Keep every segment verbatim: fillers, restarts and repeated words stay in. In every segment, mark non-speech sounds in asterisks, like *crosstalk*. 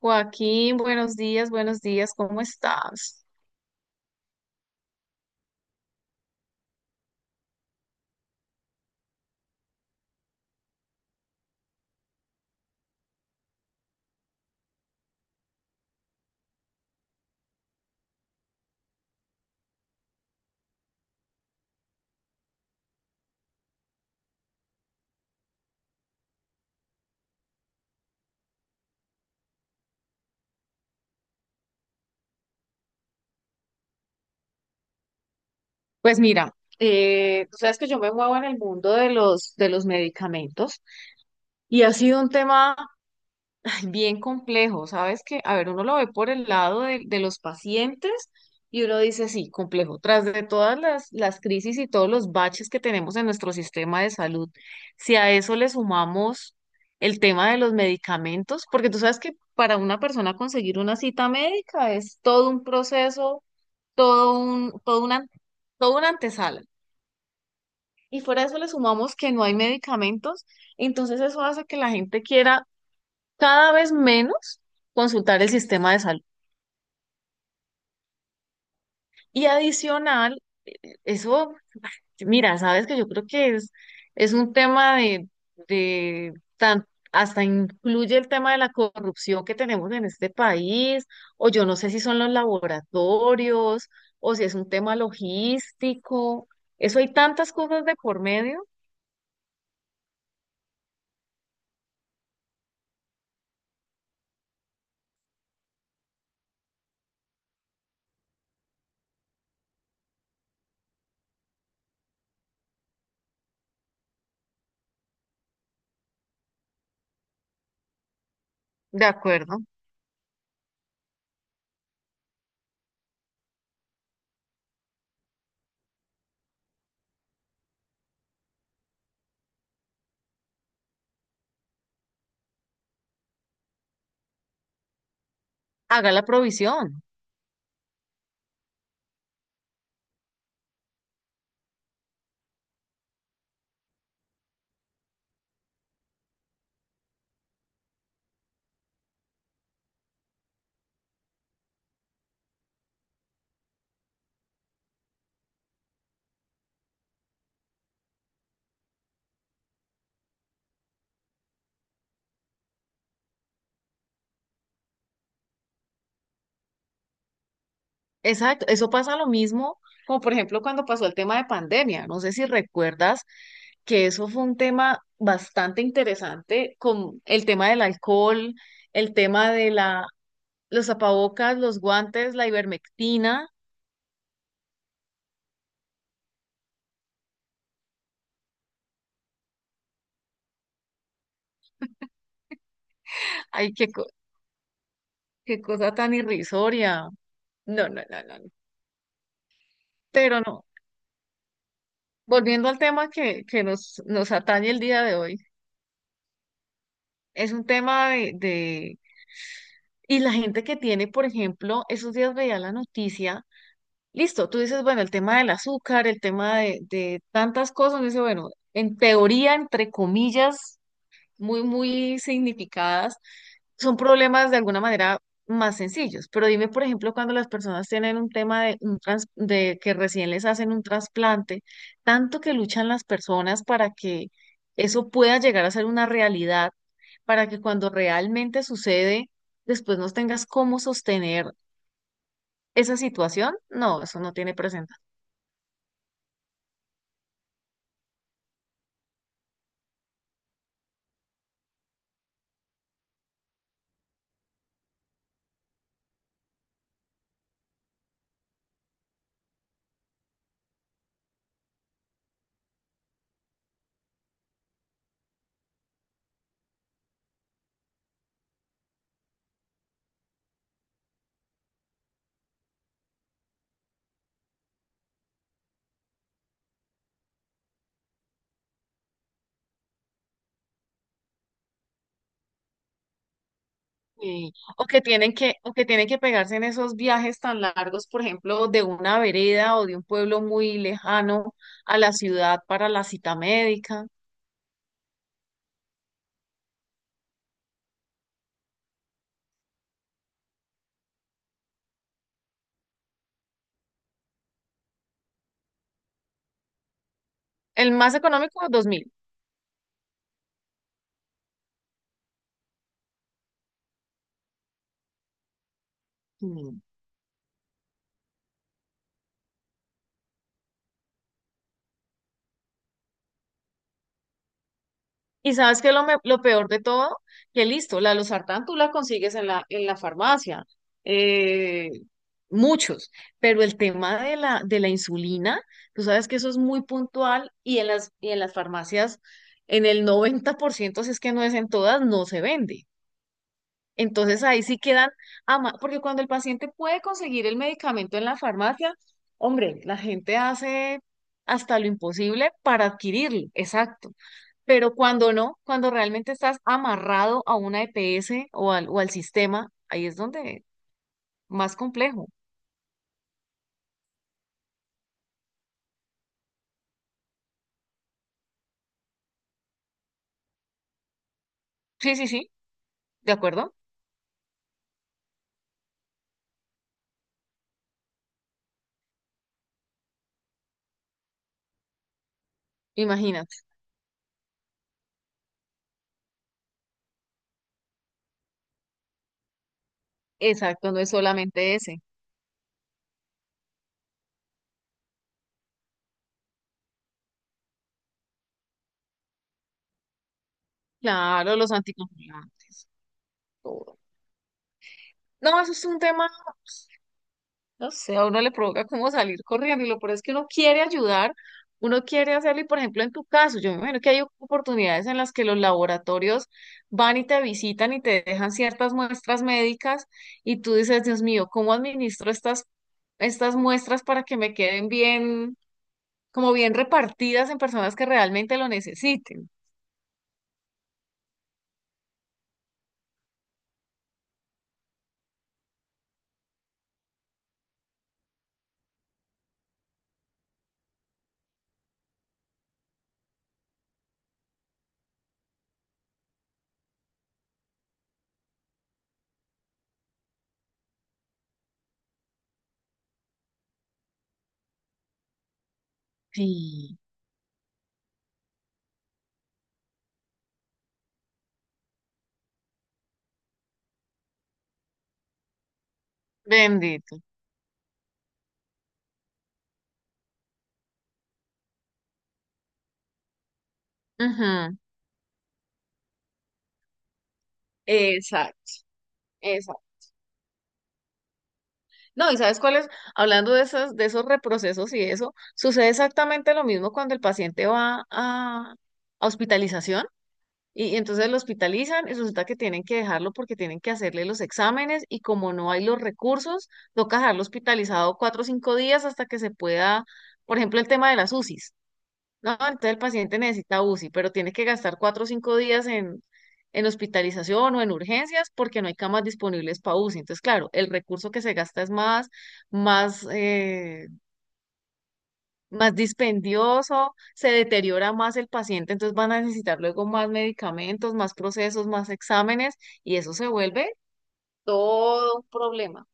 Joaquín, buenos días, buenos días, ¿cómo estás? Pues mira, eh, tú sabes que yo me muevo en el mundo de los, de los medicamentos y ha sido un tema ay, bien complejo, ¿sabes? Que, a ver, uno lo ve por el lado de, de los pacientes y uno dice, sí, complejo, tras de todas las, las crisis y todos los baches que tenemos en nuestro sistema de salud, si a eso le sumamos el tema de los medicamentos, porque tú sabes que para una persona conseguir una cita médica es todo un proceso, todo un, todo una, toda una antesala. Y fuera de eso le sumamos que no hay medicamentos, entonces eso hace que la gente quiera cada vez menos consultar el sistema de salud. Y adicional, eh, eh, eso, mira, sabes que yo creo que es, es un tema de, de tan- hasta incluye el tema de la corrupción que tenemos en este país, o yo no sé si son los laboratorios, o si es un tema logístico. Eso hay tantas cosas de por medio. De acuerdo. Haga la provisión. Exacto. Eso pasa lo mismo, como por ejemplo cuando pasó el tema de pandemia. No sé si recuerdas que eso fue un tema bastante interesante con el tema del alcohol, el tema de la, los tapabocas, los guantes, la ivermectina. Ay, qué, co- qué cosa tan irrisoria. No, no, no, no. No. Pero no, volviendo al tema que, que nos, nos atañe el día de hoy, es un tema de, de. Y la gente que tiene, por ejemplo, esos días veía la noticia, listo, tú dices, bueno, el tema del azúcar, el tema de, de tantas cosas, dice, bueno, en teoría, entre comillas, muy, muy significadas, son problemas de alguna manera más sencillos. Pero dime, por ejemplo, cuando las personas tienen un tema de, un trans- de que recién les hacen un trasplante, tanto que luchan las personas para que eso pueda llegar a ser una realidad, para que cuando realmente sucede, después no tengas cómo sostener esa situación. No, eso no tiene presente. Sí, O que tienen que, o que tienen que pegarse en esos viajes tan largos, por ejemplo, de una vereda o de un pueblo muy lejano a la ciudad para la cita médica. El más económico, dos mil. Mm. Y sabes que lo, me- lo peor de todo, que listo, la losartán tú la consigues en la, en la farmacia, eh, muchos, pero el tema de la, de la insulina, tú sabes que eso es muy puntual y en las, y en las farmacias, en el noventa por ciento si es que no es en todas, no se vende. Entonces ahí sí quedan, ama- porque cuando el paciente puede conseguir el medicamento en la farmacia, hombre, la gente hace hasta lo imposible para adquirirlo, exacto. Pero cuando no, cuando realmente estás amarrado a una E P S o al, o al sistema, ahí es donde más complejo. Sí, sí, sí, ¿de acuerdo? Imagínate. Exacto, no es solamente ese. Claro, los anticoagulantes, todo. No, eso es un tema. No sé, a uno le provoca como salir corriendo y lo peor es que uno quiere ayudar, uno quiere hacerlo y por ejemplo en tu caso, yo me imagino que hay oportunidades en las que los laboratorios van y te visitan y te dejan ciertas muestras médicas y tú dices, Dios mío, ¿cómo administro estas, estas muestras para que me queden bien, como bien repartidas en personas que realmente lo necesiten? Sí. Bendito. Ujú. Exacto, exacto. No, ¿y sabes cuál es? Hablando de esos, de esos reprocesos y eso, sucede exactamente lo mismo cuando el paciente va a, a hospitalización y, y entonces lo hospitalizan y resulta que tienen que dejarlo porque tienen que hacerle los exámenes y como no hay los recursos, toca dejarlo hospitalizado cuatro o cinco días hasta que se pueda, por ejemplo, el tema de las U C Is. No, entonces el paciente necesita U C I, pero tiene que gastar cuatro o cinco días en, en hospitalización o en urgencias porque no hay camas disponibles para U C I. Entonces, claro, el recurso que se gasta es más, más, eh, más dispendioso, se deteriora más el paciente, entonces van a necesitar luego más medicamentos, más procesos, más exámenes y eso se vuelve todo un problema.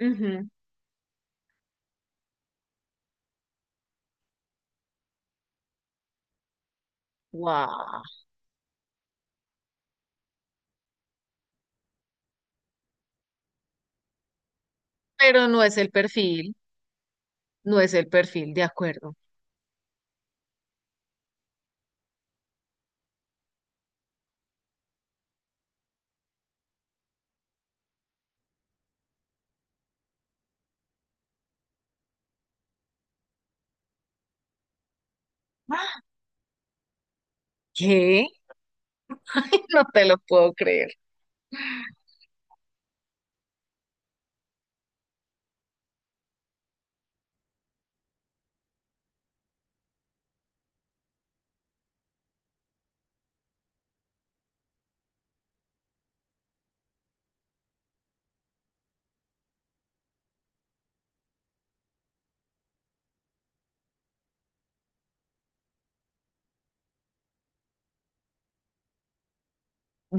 Ujú. Guau. Pero no es el perfil, no es el perfil, de acuerdo. ¿Qué? *laughs* No te lo puedo creer.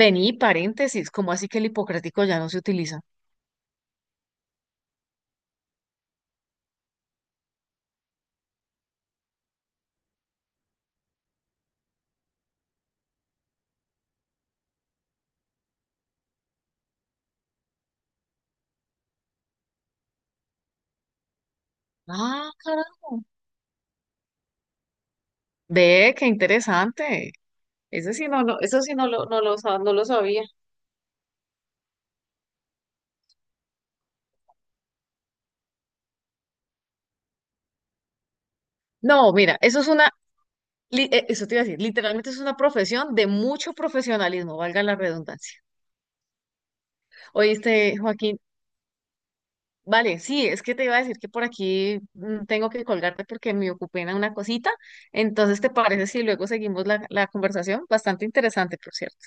Vení, paréntesis, ¿cómo así que el hipocrático ya no se utiliza? Ah, caramba. Ve, qué interesante. Eso sí no, lo- eso sí no lo, no lo, sa- No lo sabía. No, mira, eso es una, li- eh, eso te iba a decir, literalmente es una profesión de mucho profesionalismo, valga la redundancia. Oíste, Joaquín, vale, sí, es que te iba a decir que por aquí mm, tengo que colgarte porque me ocupé en una cosita. Entonces, ¿te parece si luego seguimos la, la conversación? Bastante interesante, por cierto.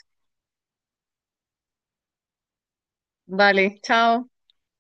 Vale, chao.